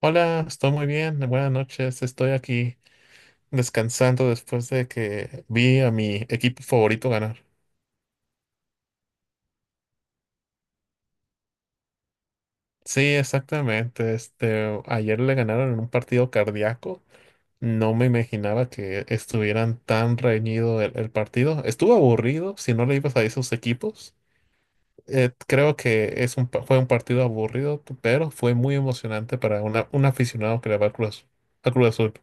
Hola, estoy muy bien. Buenas noches. Estoy aquí descansando después de que vi a mi equipo favorito ganar. Sí, exactamente. Este, ayer le ganaron en un partido cardíaco. No me imaginaba que estuvieran tan reñido el partido. Estuvo aburrido si no le ibas a esos equipos. Creo que es un, fue un partido aburrido, pero fue muy emocionante para una, un aficionado que le va a Cruz Azul.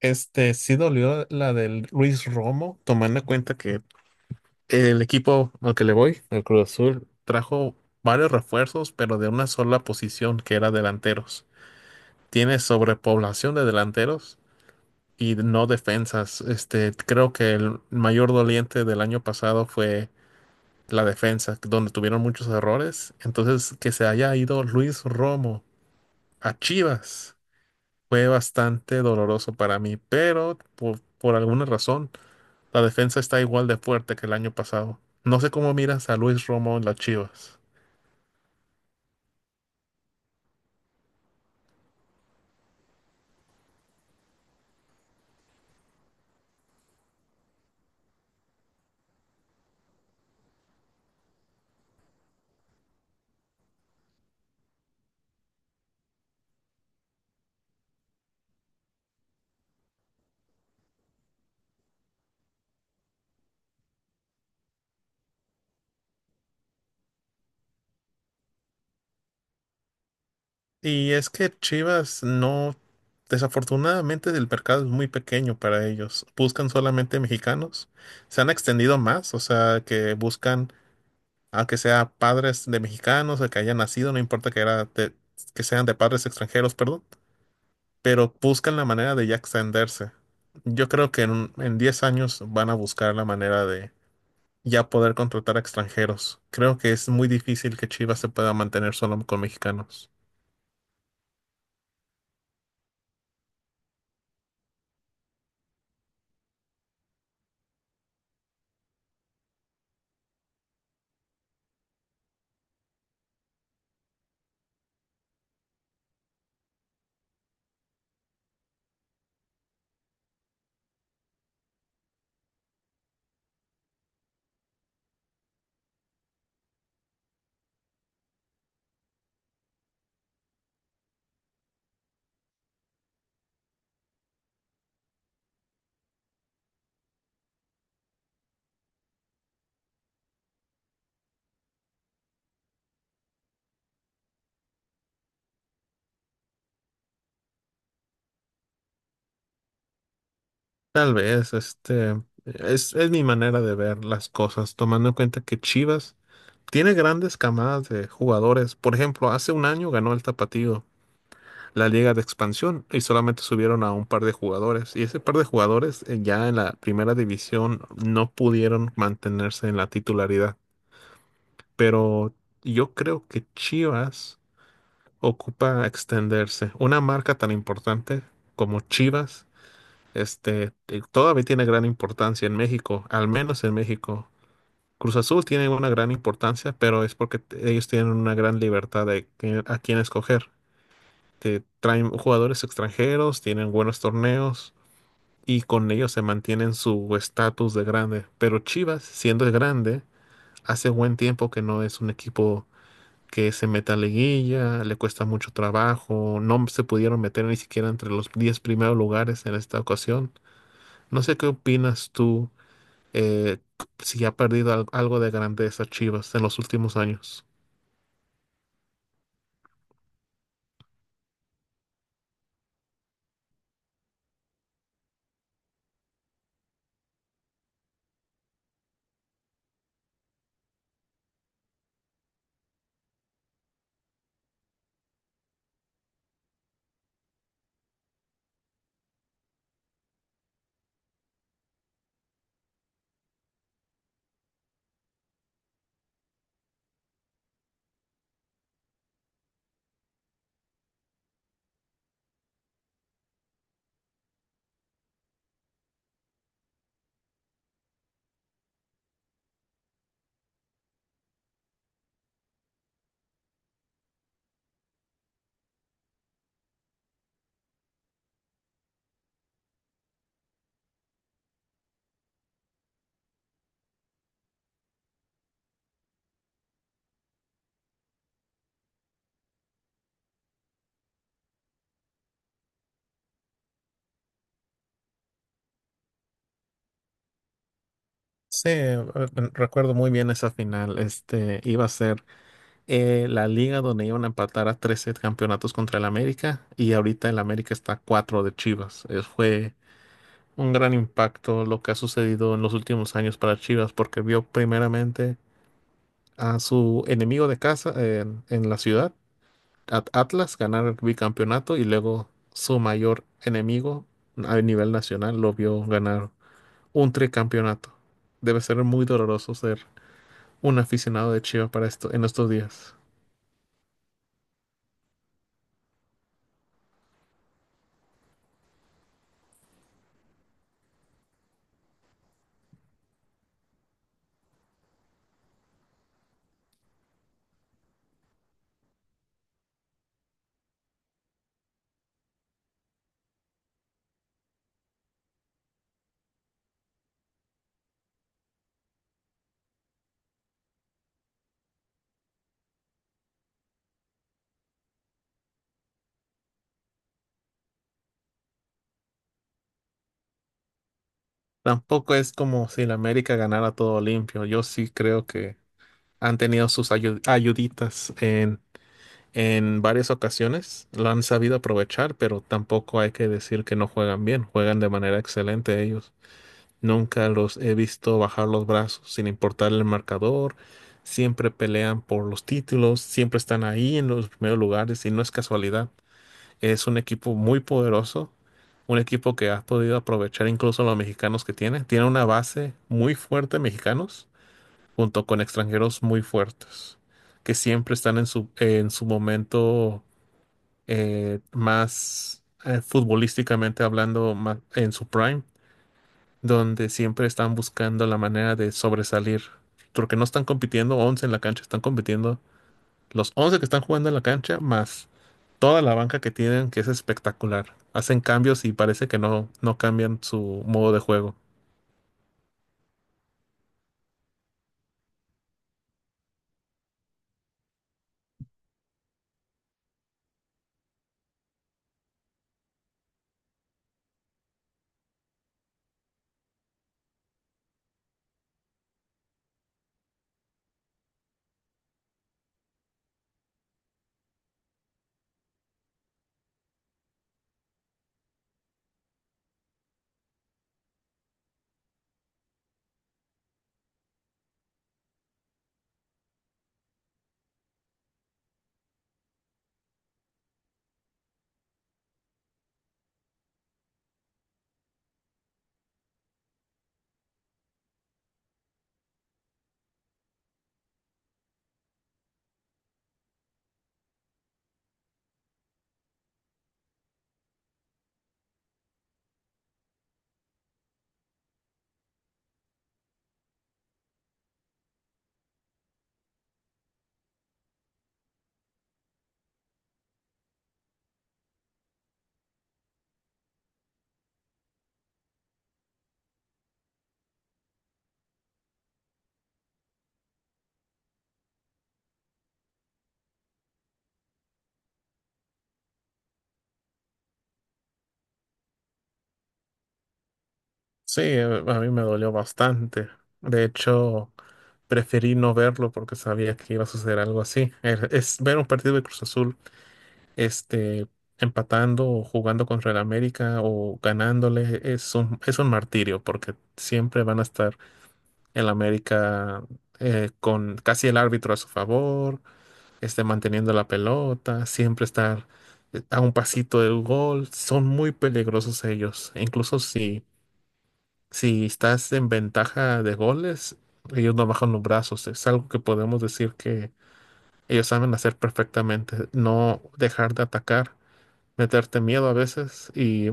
Este sí dolió la del Luis Romo, tomando en cuenta que el equipo al que le voy, el Cruz Azul, trajo varios refuerzos, pero de una sola posición, que era delanteros. Tiene sobrepoblación de delanteros y no defensas. Este, creo que el mayor doliente del año pasado fue la defensa, donde tuvieron muchos errores. Entonces, que se haya ido Luis Romo a Chivas fue bastante doloroso para mí, pero por alguna razón la defensa está igual de fuerte que el año pasado. No sé cómo miras a Luis Romo en las Chivas. Y es que Chivas no, desafortunadamente el mercado es muy pequeño para ellos. Buscan solamente mexicanos. Se han extendido más, o sea, que buscan a que sea padres de mexicanos, a que hayan nacido, no importa que, que sean de padres extranjeros, perdón. Pero buscan la manera de ya extenderse. Yo creo que en 10 años van a buscar la manera de ya poder contratar a extranjeros. Creo que es muy difícil que Chivas se pueda mantener solo con mexicanos. Tal vez, este, es mi manera de ver las cosas, tomando en cuenta que Chivas tiene grandes camadas de jugadores. Por ejemplo, hace un año ganó el Tapatío, la Liga de Expansión, y solamente subieron a un par de jugadores. Y ese par de jugadores ya en la primera división no pudieron mantenerse en la titularidad. Pero yo creo que Chivas ocupa extenderse. Una marca tan importante como Chivas, todavía tiene gran importancia en México, al menos en México. Cruz Azul tiene una gran importancia, pero es porque ellos tienen una gran libertad de a quién escoger. Te traen jugadores extranjeros, tienen buenos torneos y con ellos se mantienen su estatus de grande. Pero Chivas, siendo grande, hace buen tiempo que no es un equipo que se meta a liguilla, le cuesta mucho trabajo, no se pudieron meter ni siquiera entre los 10 primeros lugares en esta ocasión. No sé qué opinas tú eh, si ha perdido algo de grandeza Chivas en los últimos años. Sí, recuerdo muy bien esa final. Este iba a ser la liga donde iban a empatar a 13 campeonatos contra el América y ahorita el América está a 4 de Chivas. Fue un gran impacto lo que ha sucedido en los últimos años para Chivas porque vio primeramente a su enemigo de casa en la ciudad, Atlas, ganar el bicampeonato y luego su mayor enemigo a nivel nacional lo vio ganar un tricampeonato. Debe ser muy doloroso ser un aficionado de Chivas para esto en estos días. Tampoco es como si la América ganara todo limpio. Yo sí creo que han tenido sus ayuditas en varias ocasiones. Lo han sabido aprovechar, pero tampoco hay que decir que no juegan bien. Juegan de manera excelente ellos. Nunca los he visto bajar los brazos sin importar el marcador. Siempre pelean por los títulos, siempre están ahí en los primeros lugares y no es casualidad. Es un equipo muy poderoso, un equipo que ha podido aprovechar incluso los mexicanos que tiene. Tiene una base muy fuerte de mexicanos junto con extranjeros muy fuertes que siempre están en su momento más futbolísticamente hablando, más en su prime donde siempre están buscando la manera de sobresalir, porque no están compitiendo 11 en la cancha, están compitiendo los 11 que están jugando en la cancha más toda la banca que tienen, que es espectacular. Hacen cambios y parece que no, no cambian su modo de juego. Sí, a mí me dolió bastante. De hecho, preferí no verlo porque sabía que iba a suceder algo así. Es ver un partido de Cruz Azul este, empatando o jugando contra el América o ganándole es un martirio porque siempre van a estar el América con casi el árbitro a su favor, este, manteniendo la pelota, siempre estar a un pasito del gol. Son muy peligrosos ellos. E incluso si estás en ventaja de goles, ellos no bajan los brazos. Es algo que podemos decir que ellos saben hacer perfectamente, no dejar de atacar, meterte miedo a veces y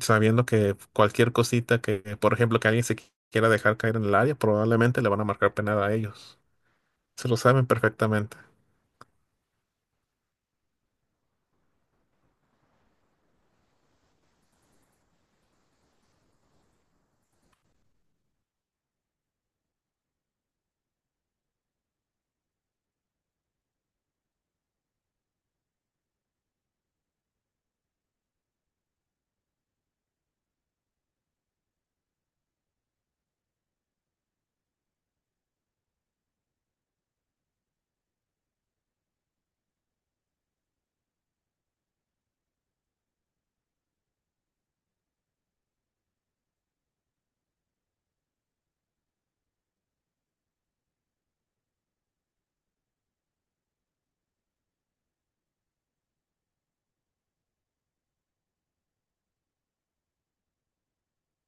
sabiendo que cualquier cosita que, por ejemplo, que alguien se quiera dejar caer en el área, probablemente le van a marcar penal a ellos. Se lo saben perfectamente.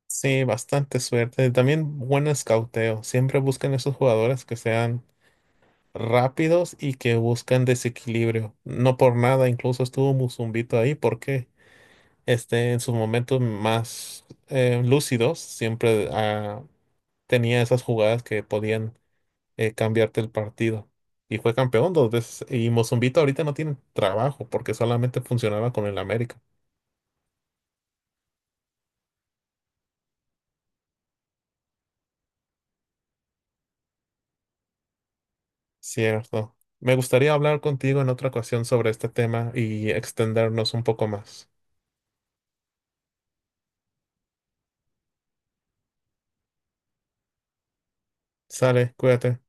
Sí, bastante suerte. También buen escauteo. Siempre buscan esos jugadores que sean rápidos y que buscan desequilibrio. No por nada, incluso estuvo Musumbito ahí porque este, en sus momentos más lúcidos siempre tenía esas jugadas que podían cambiarte el partido. Y fue campeón dos veces. Y Mozumbito ahorita no tiene trabajo porque solamente funcionaba con el América. Cierto. Me gustaría hablar contigo en otra ocasión sobre este tema y extendernos un poco más. Sale, cuídate.